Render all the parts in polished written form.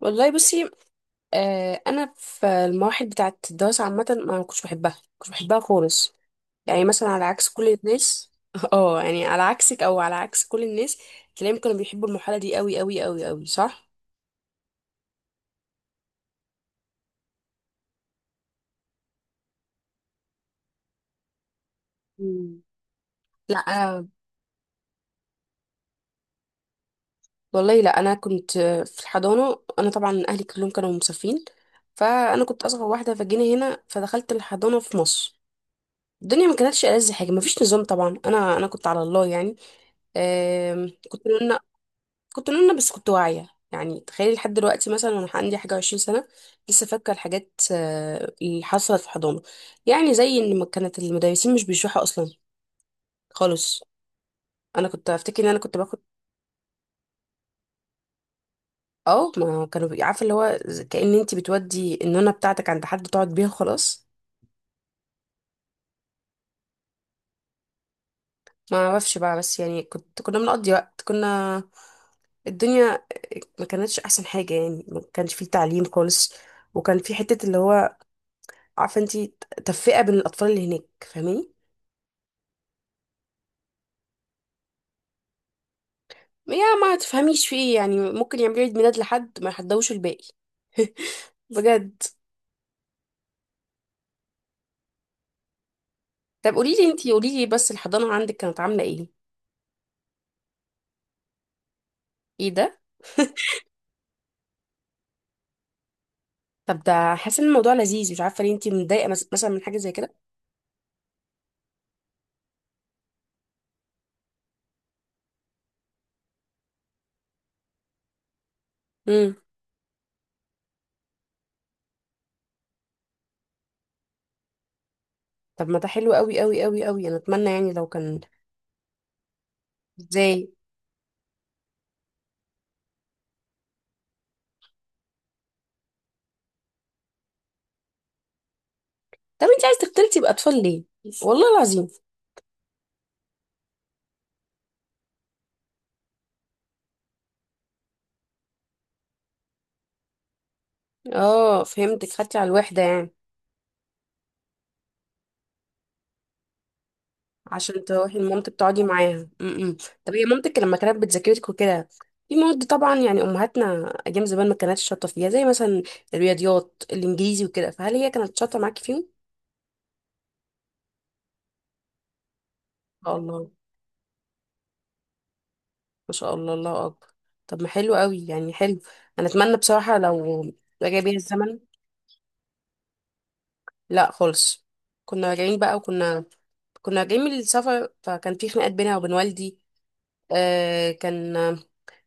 والله بصي. انا في المواحد بتاعه الدراسه عامه، ما كنتش بحبها، خالص. يعني مثلا على عكس كل الناس اه يعني على عكسك او على عكس كل الناس، تلاقيهم كانوا بيحبوا المرحله دي قوي قوي قوي قوي، صح؟ مم. لا أنا والله، لا أنا كنت في الحضانة. أنا طبعا أهلي كلهم كانوا مسافرين، فأنا كنت أصغر واحدة، فجينا هنا فدخلت الحضانة في مصر. الدنيا ما كانتش ألذ حاجة، ما فيش نظام طبعا. أنا كنت على الله يعني. آم، كنت كنت نونة، بس كنت واعية. يعني تخيلي، لحد دلوقتي مثلا وانا عندي حاجة و20 سنة لسه فاكرة الحاجات اللي حصلت في حضانة. يعني زي ان ما كانت المدرسين مش بيشرحوا اصلا خالص. انا كنت افتكر ان انا كنت باخد. اه، ما كانوا عارفة اللي هو كأن انت بتودي النونة بتاعتك عند حد تقعد بيها خلاص. ما اعرفش بقى، بس يعني كنا بنقضي وقت. كنا... الدنيا ما كانتش احسن حاجة يعني، ما كانش فيه تعليم خالص. وكان في حتة اللي هو، عارفة انت، تفرقة بين الاطفال اللي هناك. فاهماني؟ يا ما تفهميش في ايه، يعني ممكن يعملوا عيد ميلاد لحد ما يحضوش الباقي. بجد. طب قولي لي انتي، قولي لي بس الحضانة عندك كانت عاملة ايه؟ ايه ده! طب ده حاسة ان الموضوع لذيذ، مش عارفة ليه انتي متضايقة مثلا من حاجة زي كده. امم. طب ما ده حلو قوي قوي قوي قوي! انا اتمنى يعني لو كان. ازاي؟ طب انتي عايز تختلطي باطفال ليه؟ والله العظيم. اه فهمتك، خدتي على الوحدة يعني. عشان تروحي لمامتك تقعدي معاها. امم. طب هي مامتك لما كانت بتذاكرك وكده، في مواد طبعا يعني، امهاتنا ايام زمان ما كانتش شاطره فيها، زي مثلا الرياضيات، الانجليزي وكده، فهل هي كانت شاطره معاكي فيهم؟ ما شاء الله، ما شاء الله، الله اكبر! طب ما حلو قوي يعني، حلو. انا اتمنى بصراحه لو رجع بيا الزمن. لا خالص. كنا راجعين بقى وكنا... كنا راجعين من السفر، فكان في خناقات بينها وبين والدي. آه كان...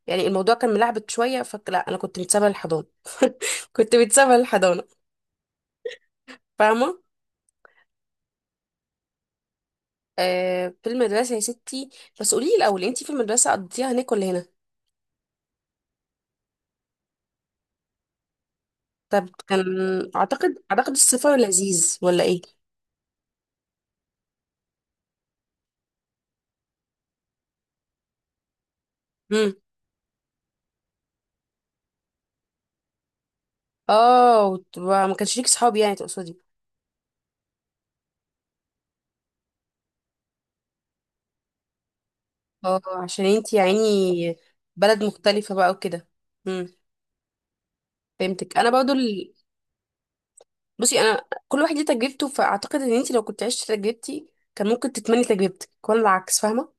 يعني الموضوع كان ملعبك شويه، فلا انا كنت متسابه للحضانه. كنت متسابه للحضانه. فاهمه؟ في المدرسه يا ستي، بس قولي لي الاول، انت في المدرسه قضيتيها هناك ولا هنا؟ طب كان... اعتقد السفر لذيذ ولا ايه؟ امم. اه، ما كانش ليك صحاب يعني، تقصدي؟ اه، عشان انت يعني بلد مختلفه بقى وكده. امم. فهمتك. انا برضو بصي، انا كل واحد ليه تجربته، فاعتقد ان انت لو كنت عشت تجربتي كان ممكن تتمني تجربتك ولا العكس، فاهمه؟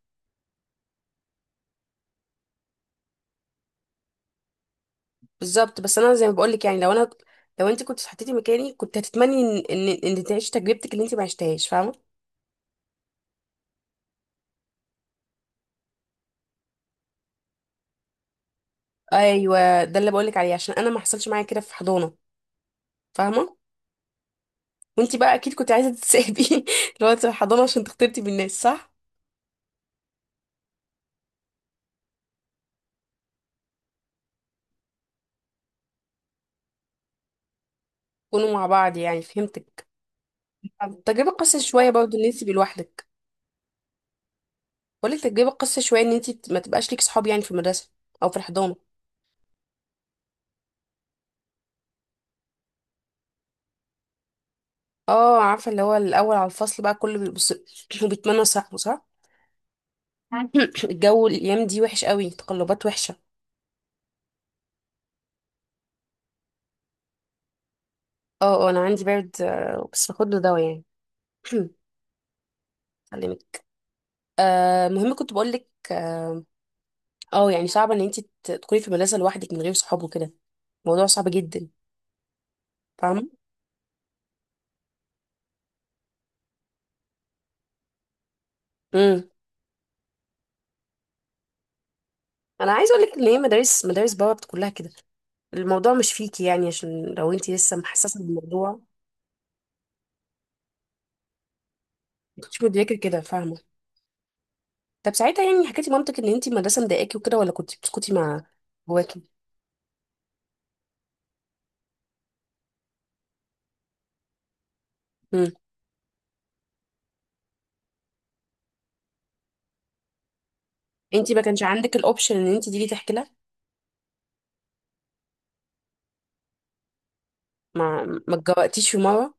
بالظبط. بس انا زي ما بقولك، يعني لو انا... لو انت كنت حطيتي مكاني كنت هتتمني ان تعيشي تجربتك اللي انت ما عشتهاش، فاهمه؟ ايوه، ده اللي بقولك عليه، عشان انا ما حصلش معايا كده في حضانه، فاهمه؟ وانت بقى اكيد كنت عايزه تتسابي لو انت في الحضانه عشان تختلطي بالناس، صح؟ كونوا مع بعض يعني، فهمتك. طب تجربه قاسيه شويه برضه ان انت تبقي لوحدك. بقولك تجربه قاسيه شويه ان انت ما تبقاش ليك صحاب يعني، في المدرسه او في الحضانه. اه عارفه، اللي هو الاول على الفصل بقى كله بيبص وبيتمنى صاحبه، صح؟ الجو الايام دي وحش قوي، تقلبات وحشه. اه، اه، انا عندي برد، بس باخد له دواء يعني. اكلمك. المهم كنت بقول لك يعني صعب ان انت تكوني في مدرسه لوحدك من غير صحاب وكده. الموضوع صعب جدا، فاهمه؟ امم. انا عايزه اقول لك ان هي، مدارس بابا، كلها كده. الموضوع مش فيكي يعني، عشان لو انت لسه محسسه بالموضوع، مش مدركه كده، فاهمه؟ طب ساعتها يعني حكيتي مامتك ان انت المدرسه مضايقاكي وكده ولا كنت بتسكتي مع جواكي؟ امم. انت ما كانش عندك الاوبشن ان انت تيجي تحكي لها؟ ما اتجوقتيش في مره؟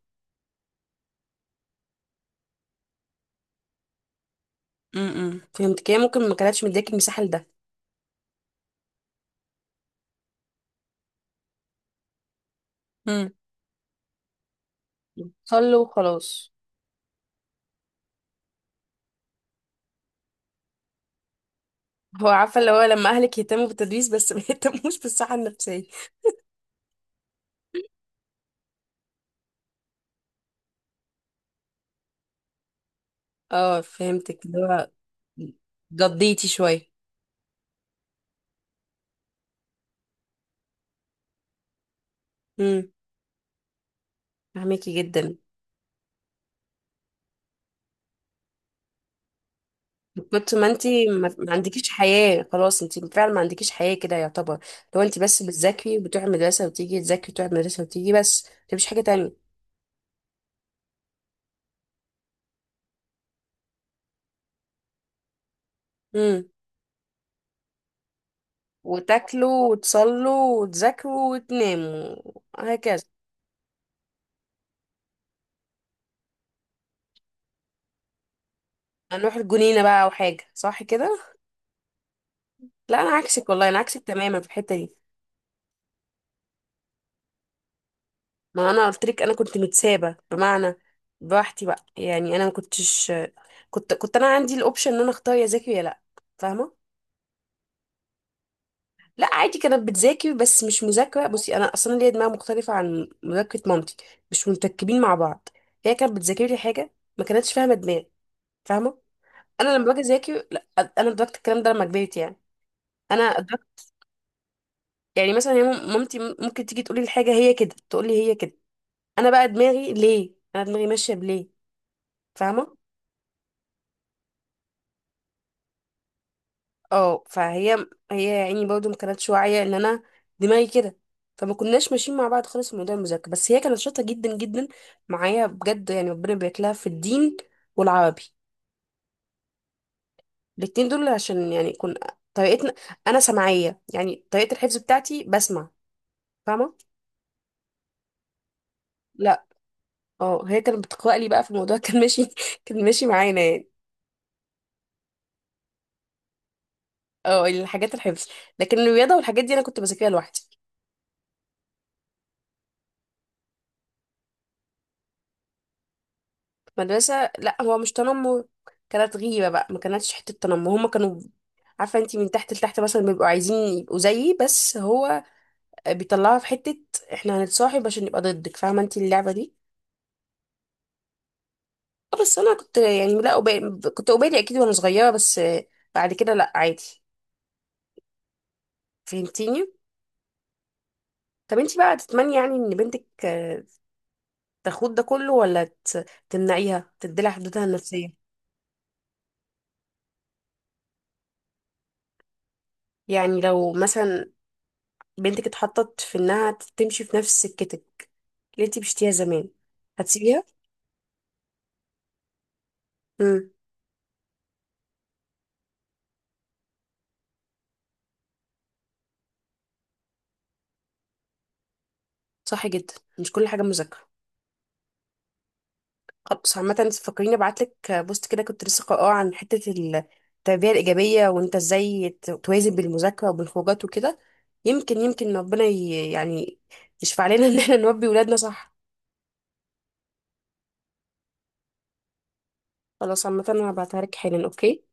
امم. فهمت كده، ممكن ما كانتش مدياكي المساحه لده. امم. صلوا وخلاص. هو عارفه اللي هو، لما اهلك يهتموا بالتدريس بس ما يهتموش بالصحه النفسيه. اه فهمتك، اللي هو جضيتي شويه. امم. فهميكي جدا. ما انت، ما عندكيش حياه خلاص. انت فعلا ما عندكيش حياه كده يعتبر. لو انت بس بتذاكري وبتروحي المدرسه، وتيجي تذاكري وتروحي المدرسه وتيجي بس، انت مفيش حاجه تانية. امم. وتاكلوا وتصلوا وتذاكروا وتناموا، هكذا. هنروح الجنينة بقى أو حاجة، صح كده؟ لا أنا عكسك، والله أنا عكسك تماما في الحتة دي. ما أنا قلت لك أنا كنت متسابة، بمعنى براحتي بقى. يعني أنا ما كنتش... كنت أنا عندي الأوبشن إن أنا أختار يا ذاكر يا لأ. فاهمة؟ لا، عادي كانت بتذاكر، بس مش مذاكرة. بصي، أنا أصلا ليا دماغ مختلفة عن مذاكرة مامتي، مش متركبين مع بعض. هي كانت بتذاكر لي حاجة، ما كانتش فاهمة دماغي. فاهمة؟ أنا لما باجي أذاكر... لا، أنا أدركت الكلام ده لما كبرت يعني. انا أدركت. يعني مثلا هي مامتي ممكن تيجي تقولي الحاجه هي كده، تقولي هي كده. انا بقى دماغي ليه؟ انا دماغي ماشيه بليه، فاهمه؟ اه، فهي يعني برضه ما كانتش واعيه ان انا دماغي كده. فما كناش ماشيين مع بعض خالص في موضوع المذاكره. بس هي كانت شاطره جدا جدا معايا بجد، يعني ربنا يباركلها في الدين والعربي، الاتنين دول. عشان يعني طريقتنا، انا سمعيه يعني، طريقه الحفظ بتاعتي بسمع، فاهمه؟ لا، اه هي كانت بتقرأ لي بقى، في الموضوع كان ماشي كان ماشي معانا يعني. اه، الحاجات الحفظ، لكن الرياضة والحاجات دي أنا كنت بذاكرها لوحدي. مدرسة لا، هو مش تنمر، كانت غيبة بقى، ما كانتش حتة تنمر. هما كانوا، عارفة انتي، من تحت لتحت، مثلا بيبقوا عايزين يبقوا زيي، بس هو بيطلعها في حتة احنا هنتصاحب عشان نبقى ضدك. فاهمة انتي اللعبة دي؟ اه، بس أنا كنت يعني لا أبالي. كنت أبالي أكيد وأنا صغيرة، بس بعد كده لا، عادي. فهمتيني؟ طب انتي بقى تتمني يعني ان بنتك، تاخد ده كله ولا تمنعيها تديلها حدودها النفسية؟ يعني لو مثلا بنتك اتحطت في انها تمشي في نفس سكتك اللي انت مشيتيها زمان، هتسيبيها؟ امم. صح جدا، مش كل حاجه مذاكره. خلاص عامه، فكريني ابعت لك بوست كده كنت لسه قاراه عن حته التربيه الايجابيه، وانت ازاي توازن بالمذاكره وبالخروجات وكده. يمكن ربنا يعني يشفع لنا ان احنا نربي ولادنا صح. خلاص عامه، انا هبعتها لك حالا. اوكي.